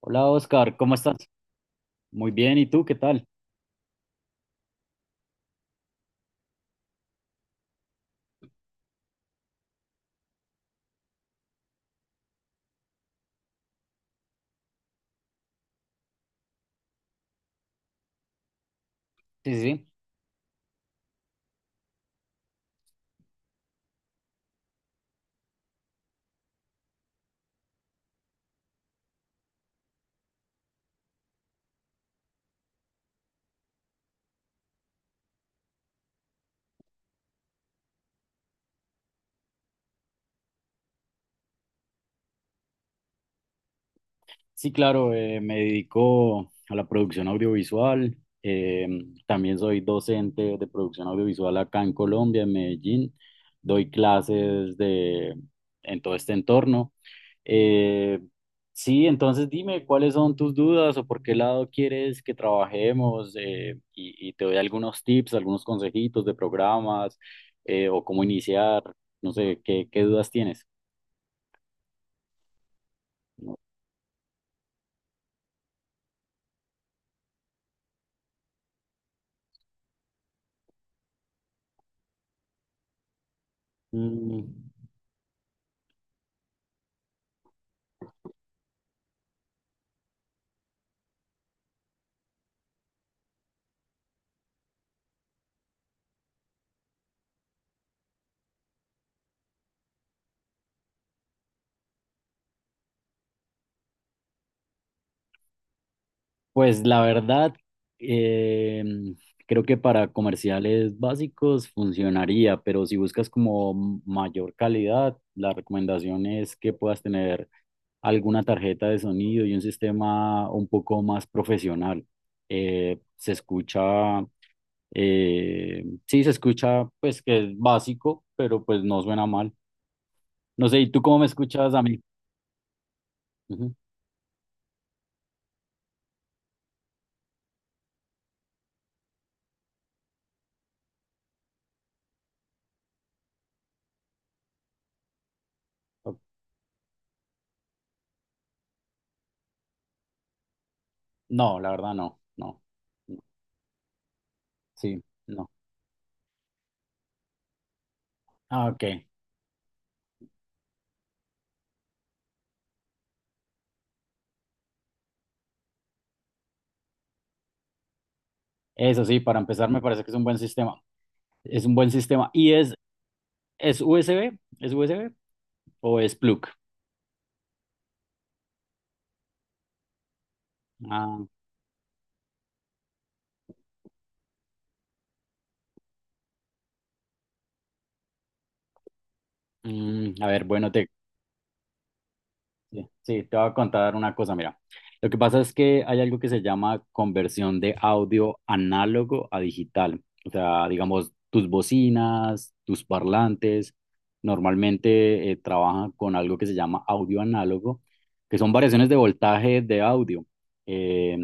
Hola Oscar, ¿cómo estás? Muy bien, ¿y tú qué tal? Sí, sí. Sí, claro, me dedico a la producción audiovisual, eh, también soy docente de producción audiovisual acá en Colombia, en Medellín, doy clases de, en todo este entorno. Eh, sí, entonces dime cuáles son tus dudas o por qué lado quieres que trabajemos, y te doy algunos tips, algunos consejitos de programas, o cómo iniciar, no sé, qué dudas tienes? Mm. Pues la verdad, eh, creo que para comerciales básicos funcionaría, pero si buscas como mayor calidad, la recomendación es que puedas tener alguna tarjeta de sonido y un sistema un poco más profesional. Se escucha, sí, se escucha, pues que es básico, pero pues no suena mal. No sé, ¿y tú cómo me escuchas a mí? Ujú. Ok. No, la verdad no, no, sí. No. Ah, ok. Eso sí, para empezar me parece que es un buen sistema. Es un buen sistema. ¿Y es USB? ¿Es USB o es plug? Ah, mm, a ver, bueno, te… Sí, sí, te voy a contar una cosa, mira. Lo que pasa es que hay algo que se llama conversión de audio análogo a digital. O sea, digamos, tus bocinas, tus parlantes, normalmente trabajan con algo que se llama audio análogo, que son variaciones de voltaje de audio, eh,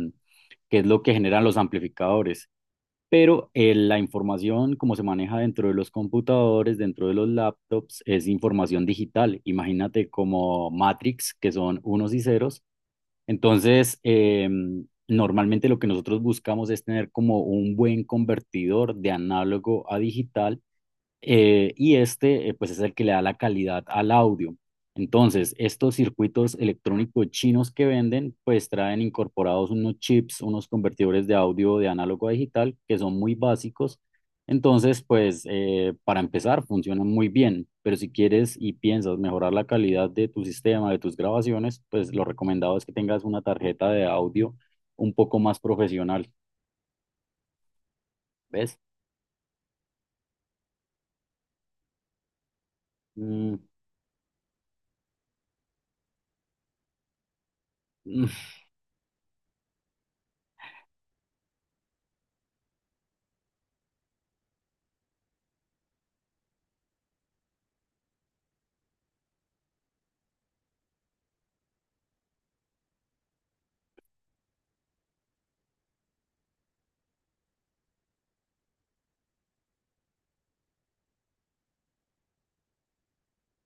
que es lo que generan los amplificadores, pero, la información como se maneja dentro de los computadores, dentro de los laptops, es información digital. Imagínate como Matrix, que son unos y ceros. Entonces, normalmente lo que nosotros buscamos es tener como un buen convertidor de análogo a digital, y pues es el que le da la calidad al audio. Entonces, estos circuitos electrónicos chinos que venden pues traen incorporados unos chips, unos convertidores de audio de análogo a digital, que son muy básicos. Entonces, pues para empezar, funcionan muy bien, pero si quieres y piensas mejorar la calidad de tu sistema, de tus grabaciones, pues lo recomendado es que tengas una tarjeta de audio un poco más profesional, ¿ves? Mm. Mm,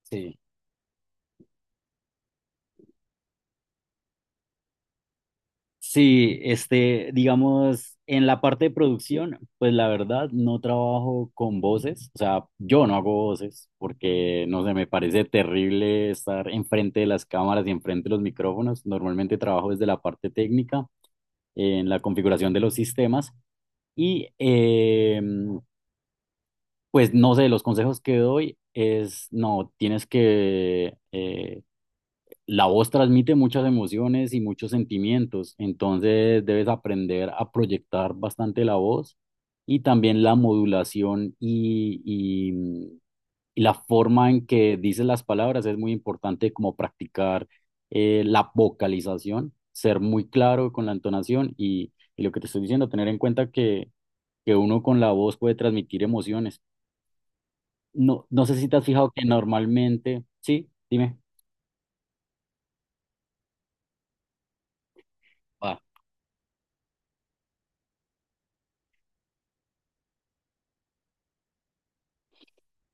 sí. Sí, este, digamos, en la parte de producción, pues la verdad no trabajo con voces, o sea, yo no hago voces porque, no sé, me parece terrible estar enfrente de las cámaras y enfrente de los micrófonos. Normalmente trabajo desde la parte técnica, en la configuración de los sistemas y, pues, no sé, los consejos que doy es, no, tienes que… la voz transmite muchas emociones y muchos sentimientos, entonces debes aprender a proyectar bastante la voz y también la modulación y la forma en que dices las palabras es muy importante, como practicar la vocalización, ser muy claro con la entonación y lo que te estoy diciendo, tener en cuenta que uno con la voz puede transmitir emociones. No, no sé si te has fijado que normalmente, sí, dime.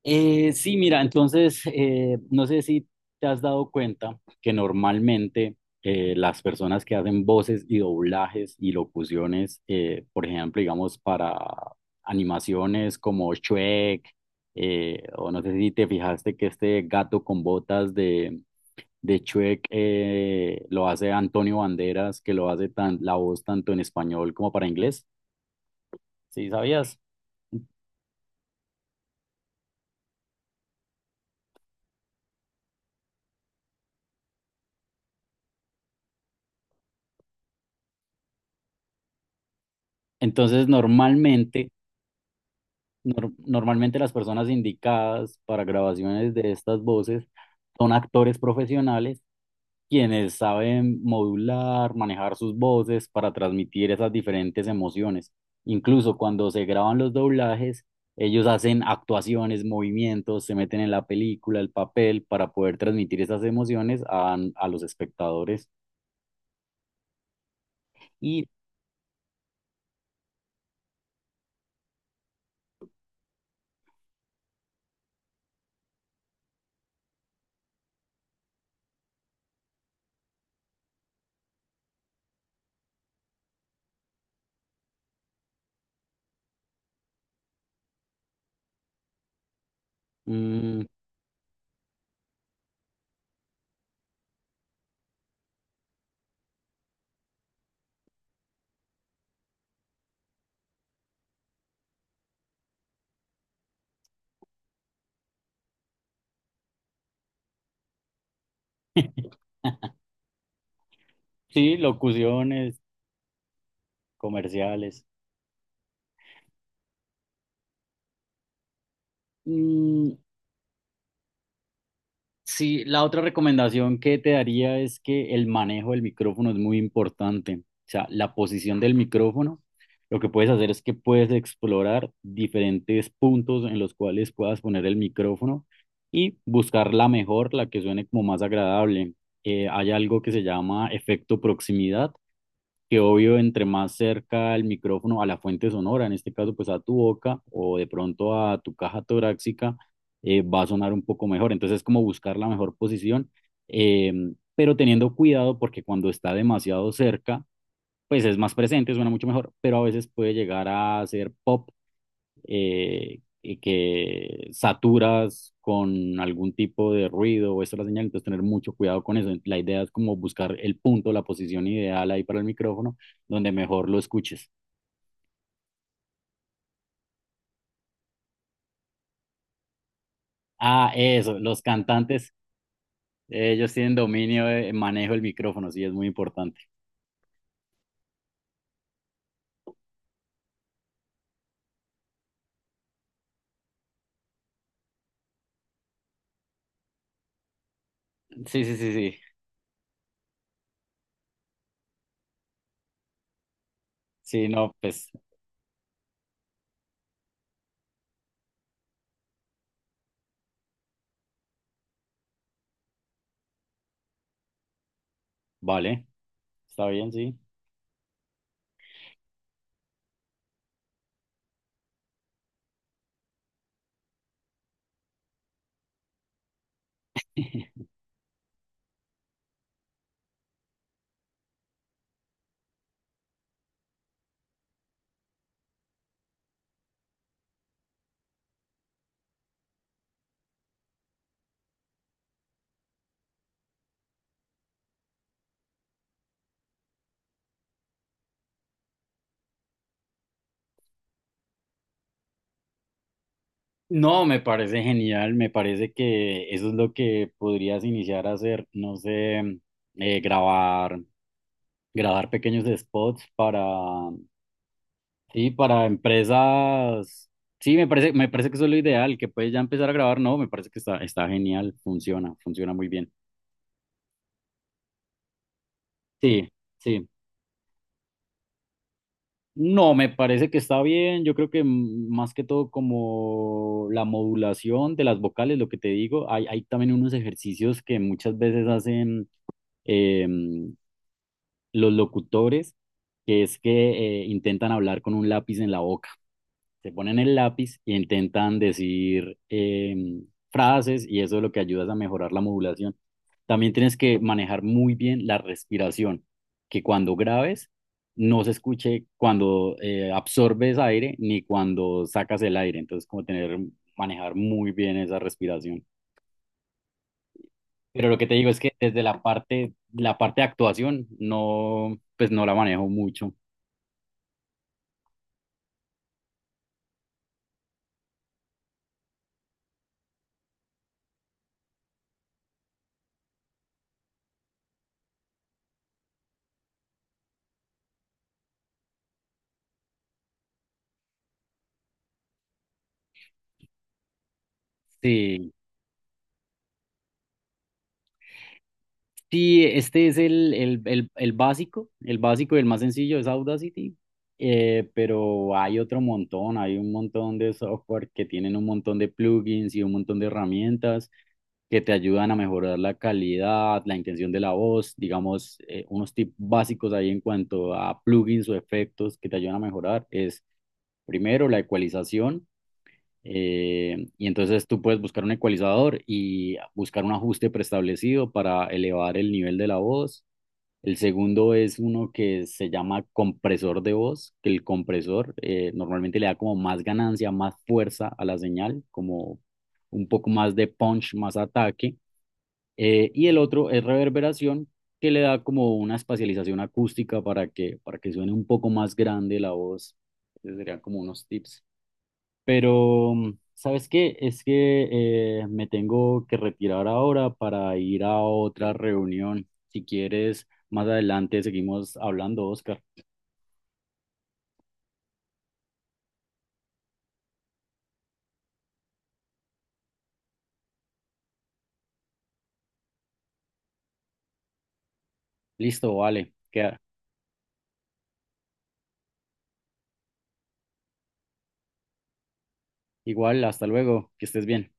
Sí, mira, entonces, no sé si te has dado cuenta que normalmente las personas que hacen voces y doblajes y locuciones, por ejemplo, digamos, para animaciones como Shrek, o no sé si te fijaste que este gato con botas de Shrek lo hace Antonio Banderas, que lo hace tan, la voz tanto en español como para inglés. ¿Sí sabías? Entonces, normalmente… Normalmente las personas indicadas para grabaciones de estas voces son actores profesionales, quienes saben modular, manejar sus voces para transmitir esas diferentes emociones. Incluso cuando se graban los doblajes, ellos hacen actuaciones, movimientos, se meten en la película, el papel, para poder transmitir esas emociones a los espectadores. Y mm, sí, locuciones, comerciales. Mm. Sí, la otra recomendación que te daría es que el manejo del micrófono es muy importante. O sea, la posición del micrófono, lo que puedes hacer es que puedes explorar diferentes puntos en los cuales puedas poner el micrófono y buscar la mejor, la que suene como más agradable. Hay algo que se llama efecto proximidad, que obvio, entre más cerca el micrófono a la fuente sonora, en este caso pues a tu boca o de pronto a tu caja torácica, va a sonar un poco mejor. Entonces es como buscar la mejor posición, eh, pero teniendo cuidado porque cuando está demasiado cerca, pues es más presente, suena mucho mejor, pero a veces puede llegar a ser pop, y que saturas con algún tipo de ruido o esta es la señal, entonces tener mucho cuidado con eso. La idea es como buscar el punto, la posición ideal ahí para el micrófono, donde mejor lo escuches. Ah, eso, los cantantes, ellos tienen dominio de manejo del micrófono, sí, es muy importante. Sí, sí, sí, sí. Sí, no, pues vale, está bien, sí. No, me parece genial, me parece que eso es lo que podrías iniciar a hacer, no sé, grabar, pequeños spots para, sí, para empresas. Sí, me parece que eso es lo ideal, que puedes ya empezar a grabar. No, me parece que está, está genial, funciona, funciona muy bien. Sí, sí. No, me parece que está bien. Yo creo que mm, más que todo como la modulación de las vocales, lo que te digo, hay también unos ejercicios que muchas veces hacen em, los locutores, que es que intentan hablar con un lápiz en la boca. Se ponen el lápiz e intentan decir frases y eso es lo que ayuda es a mejorar la modulación. También tienes que manejar muy bien la respiración, que cuando grabes no se escuche cuando absorbes aire ni cuando sacas el aire. Entonces, como tener, manejar muy bien esa respiración. Pero lo que te digo es que desde la parte de actuación, no, pues no la manejo mucho. Sí. Sí, este es el básico y el más sencillo es Audacity, pero hay otro montón, hay un montón de software que tienen un montón de plugins y un montón de herramientas que te ayudan a mejorar la calidad, la intención de la voz, digamos, unos tips básicos ahí en cuanto a plugins o efectos que te ayudan a mejorar es primero la ecualización. Y entonces tú puedes buscar un ecualizador y buscar un ajuste preestablecido para elevar el nivel de la voz. El segundo es uno que se llama compresor de voz, que el compresor, normalmente le da como más ganancia, más fuerza a la señal, como un poco más de punch, más ataque. Y el otro es reverberación, que le da como una espacialización acústica para que suene un poco más grande la voz. Esos serían como unos tips. Pero, ¿sabes qué? Es que me tengo que retirar ahora para ir a otra reunión. Si quieres, más adelante seguimos hablando, Oscar. Listo, vale. Queda. Igual, hasta luego. Que estés bien.